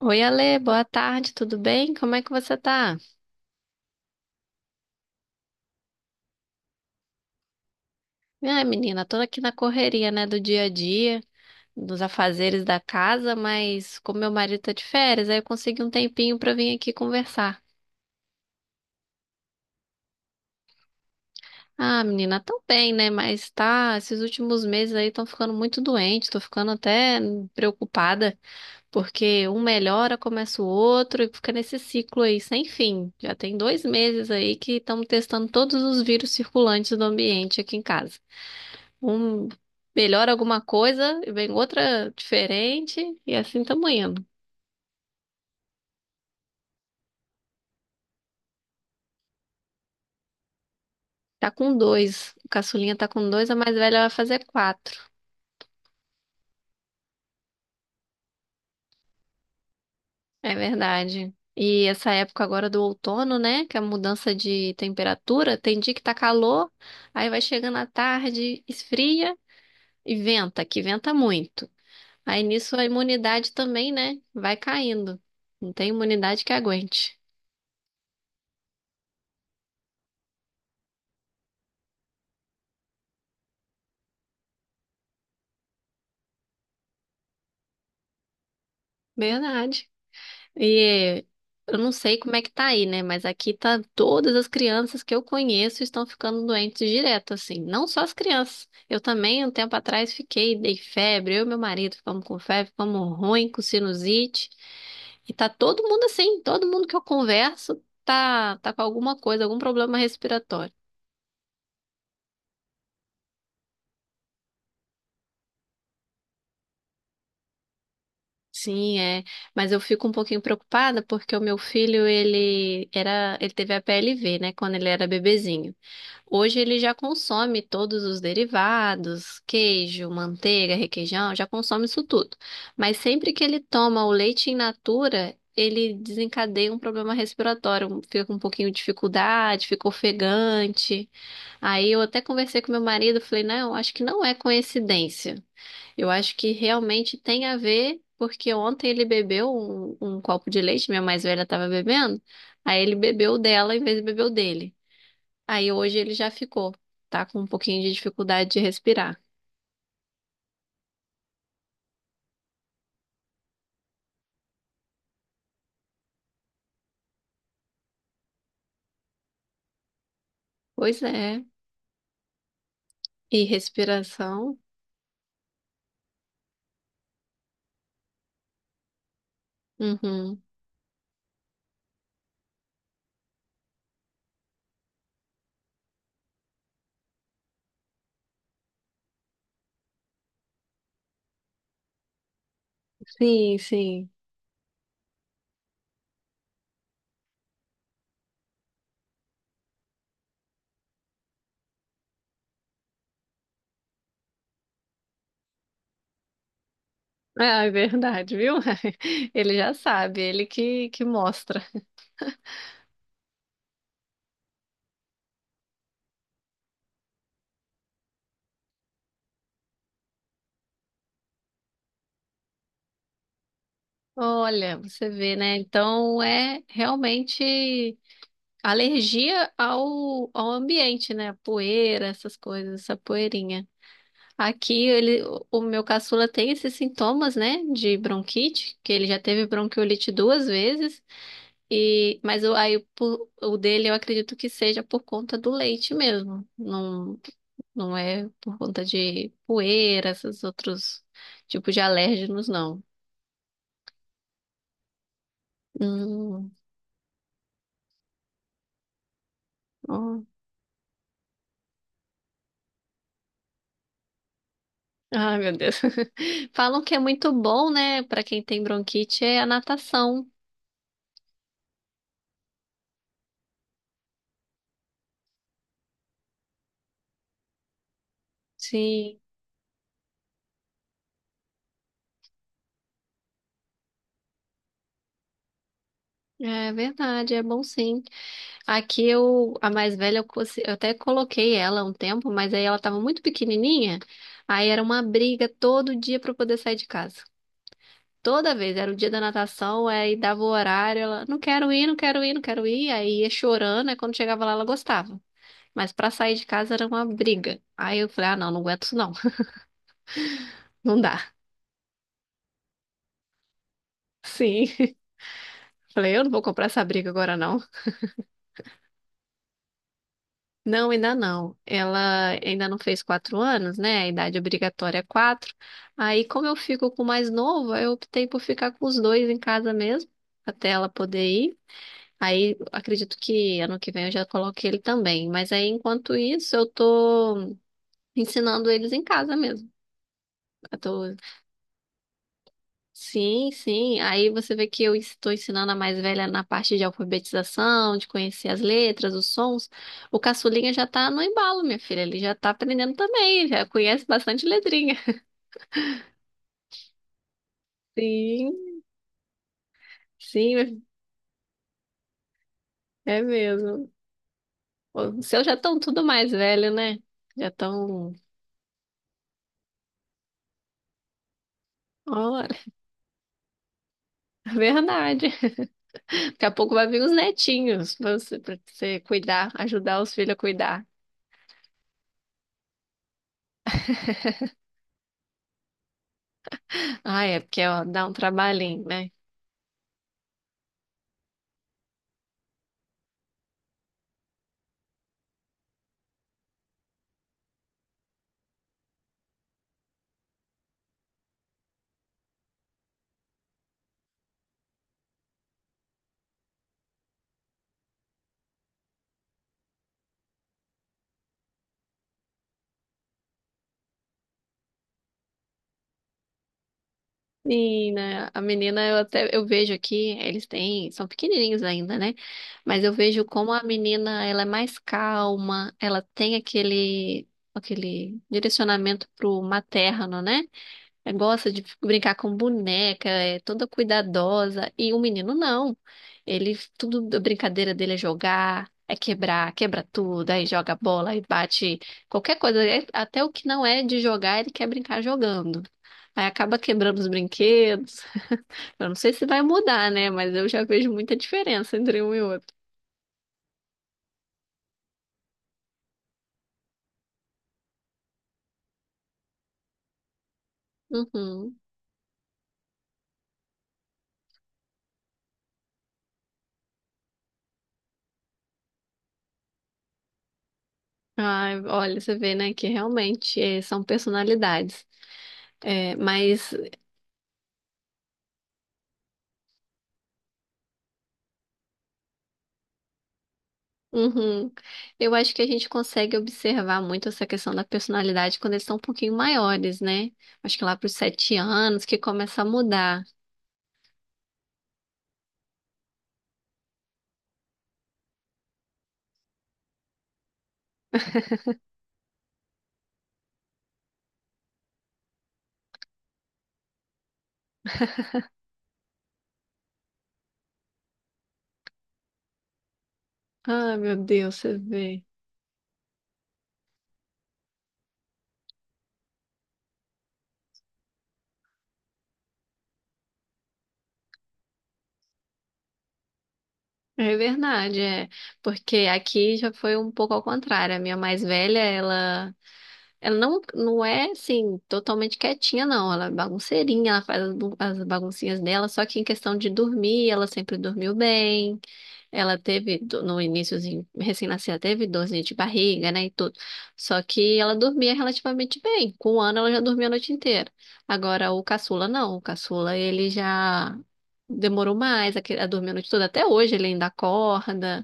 Oi, Ale, boa tarde, tudo bem? Como é que você tá? Ah, menina, tô aqui na correria, né, do dia a dia, dos afazeres da casa, mas como meu marido tá de férias, aí eu consegui um tempinho pra vir aqui conversar. Ah, menina, tão bem, né, mas tá, esses últimos meses aí estão ficando muito doente, tô ficando até preocupada, porque um melhora, começa o outro e fica nesse ciclo aí sem fim. Já tem dois meses aí que estamos testando todos os vírus circulantes do ambiente aqui em casa. Um melhora alguma coisa e vem outra diferente, e assim estamos indo. Tá com dois. O caçulinha tá com dois, a mais velha vai fazer quatro. É verdade. E essa época agora do outono, né? Que é a mudança de temperatura, tem dia que tá calor, aí vai chegando à tarde, esfria e venta, que venta muito. Aí nisso a imunidade também, né? Vai caindo. Não tem imunidade que aguente. Verdade. E eu não sei como é que tá aí, né? Mas aqui tá todas as crianças que eu conheço estão ficando doentes direto, assim. Não só as crianças. Eu também, um tempo atrás, fiquei, dei febre. Eu e meu marido ficamos com febre, ficamos ruim, com sinusite. E tá todo mundo assim, todo mundo que eu converso tá, tá com alguma coisa, algum problema respiratório. Sim, é. Mas eu fico um pouquinho preocupada porque o meu filho, ele era, ele teve a PLV, né? Quando ele era bebezinho. Hoje ele já consome todos os derivados, queijo, manteiga, requeijão, já consome isso tudo. Mas sempre que ele toma o leite in natura, ele desencadeia um problema respiratório, um, fica com um pouquinho de dificuldade, fica ofegante. Aí eu até conversei com meu marido, falei, não, acho que não é coincidência. Eu acho que realmente tem a ver, porque ontem ele bebeu um copo de leite, minha mais velha estava bebendo, aí ele bebeu o dela em vez de beber o dele. Aí hoje ele já ficou, tá com um pouquinho de dificuldade de respirar. Pois é. E respiração? Uhum. Sim, sim. Ah, é verdade, viu? Ele já sabe, ele que mostra. Olha, você vê, né? Então é realmente alergia ao ambiente, né? Poeira, essas coisas, essa poeirinha. Aqui ele, o meu caçula tem esses sintomas, né? De bronquite, que ele já teve bronquiolite duas vezes. E, mas o, aí, o, o dele eu acredito que seja por conta do leite mesmo. Não, não é por conta de poeira, esses outros tipos de alérgenos, não. Hum, ó. Ai, meu Deus. Falam que é muito bom, né, pra quem tem bronquite, é a natação. Sim, é verdade, é bom sim. Aqui eu, a mais velha, eu, eu até coloquei ela um tempo, mas aí ela tava muito pequenininha, aí era uma briga todo dia pra eu poder sair de casa. Toda vez, era o dia da natação, aí dava o horário, ela, não quero ir, não quero ir, não quero ir, aí ia chorando, aí quando chegava lá ela gostava. Mas pra sair de casa era uma briga. Aí eu falei, ah, não, não aguento isso não, não dá. Sim. Falei, eu não vou comprar essa briga agora não. Não, ainda não. Ela ainda não fez 4 anos, né? A idade obrigatória é quatro. Aí, como eu fico com o mais novo, eu optei por ficar com os dois em casa mesmo, até ela poder ir. Aí acredito que ano que vem eu já coloquei ele também. Mas aí, enquanto isso, eu tô ensinando eles em casa mesmo. Eu tô... Sim, sim. Aí você vê que eu estou ensinando a mais velha na parte de alfabetização, de conhecer as letras, os sons. O caçulinha já tá no embalo, minha filha. Ele já tá aprendendo também, já conhece bastante letrinha. Sim, sim, é mesmo. Os seus já estão tudo mais velho, né? Já estão. Olha, verdade. Daqui a pouco vai vir os netinhos pra você cuidar, ajudar os filhos a cuidar. Ah, é, porque ó, dá um trabalhinho, né? Sim, né? A menina, eu até eu vejo aqui, eles têm, são pequenininhos ainda, né? Mas eu vejo como a menina, ela é mais calma, ela tem aquele, aquele direcionamento pro materno, né? É, gosta de brincar com boneca, é toda cuidadosa. E o menino não. Ele, tudo, a brincadeira dele é jogar, é quebrar, quebra tudo, aí joga bola, aí bate qualquer coisa. Até o que não é de jogar, ele quer brincar jogando. Aí acaba quebrando os brinquedos. Eu não sei se vai mudar, né? Mas eu já vejo muita diferença entre um e outro. Uhum. Ai, olha, você vê, né, que realmente são personalidades. É, mas uhum. Eu acho que a gente consegue observar muito essa questão da personalidade quando eles são um pouquinho maiores, né? Acho que lá para os 7 anos que começa a mudar. Ah, meu Deus, você vê. É verdade, é. Porque aqui já foi um pouco ao contrário. A minha mais velha, ela não, não é assim, totalmente quietinha, não. Ela é bagunceirinha, ela faz as as baguncinhas dela, só que em questão de dormir, ela sempre dormiu bem. Ela teve, no iníciozinho, recém-nascida, teve dorzinha de barriga, né, e tudo. Só que ela dormia relativamente bem. Com um ano, ela já dormia a noite inteira. Agora, o caçula, não. O caçula, ele já demorou mais a, a dormir a noite toda. Até hoje, ele ainda acorda.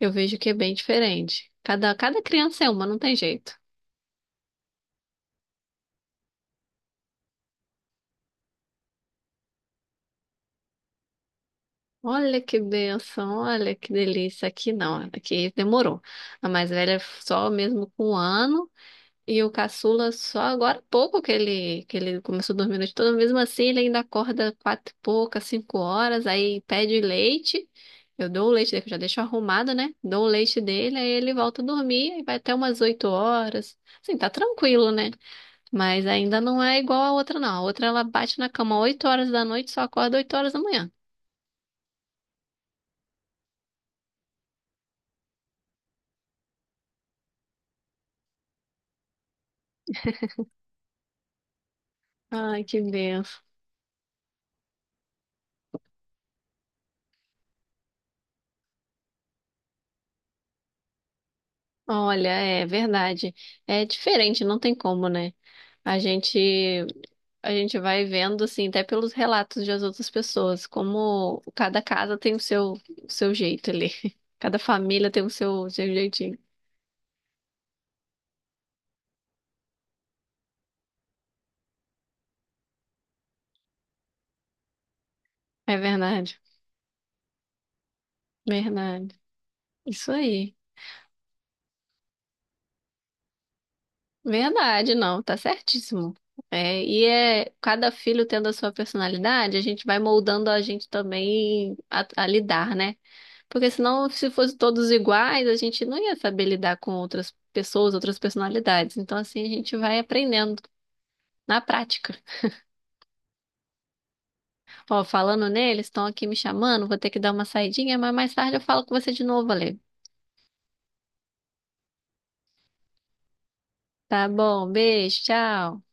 Eu vejo que é bem diferente. Cada criança é uma, não tem jeito. Olha que bênção, olha que delícia. Aqui não, aqui demorou. A mais velha só mesmo com um ano. E o caçula só agora há pouco que ele começou a dormir a noite toda, mesmo assim ele ainda acorda quatro e pouca, 5 horas, aí pede leite. Eu dou o leite dele, que eu já deixo arrumado, né? Dou o leite dele, aí ele volta a dormir, aí vai até umas 8 horas. Assim, tá tranquilo, né? Mas ainda não é igual a outra, não. A outra ela bate na cama 8 horas da noite, só acorda 8 horas da manhã. Ai, que benção. Olha, é verdade. É diferente, não tem como, né? A gente a gente vai vendo, assim, até pelos relatos de as outras pessoas, como cada casa tem o seu jeito ali. Cada família tem o seu jeitinho. É verdade, verdade. Isso aí. Verdade, não, tá certíssimo. É, e é cada filho tendo a sua personalidade, a gente vai moldando a gente também a lidar, né? Porque senão, se fossem todos iguais, a gente não ia saber lidar com outras pessoas, outras personalidades. Então, assim, a gente vai aprendendo na prática. Ó, falando neles, estão aqui me chamando, vou ter que dar uma saidinha, mas mais tarde eu falo com você de novo, Ale. Tá bom, beijo, tchau.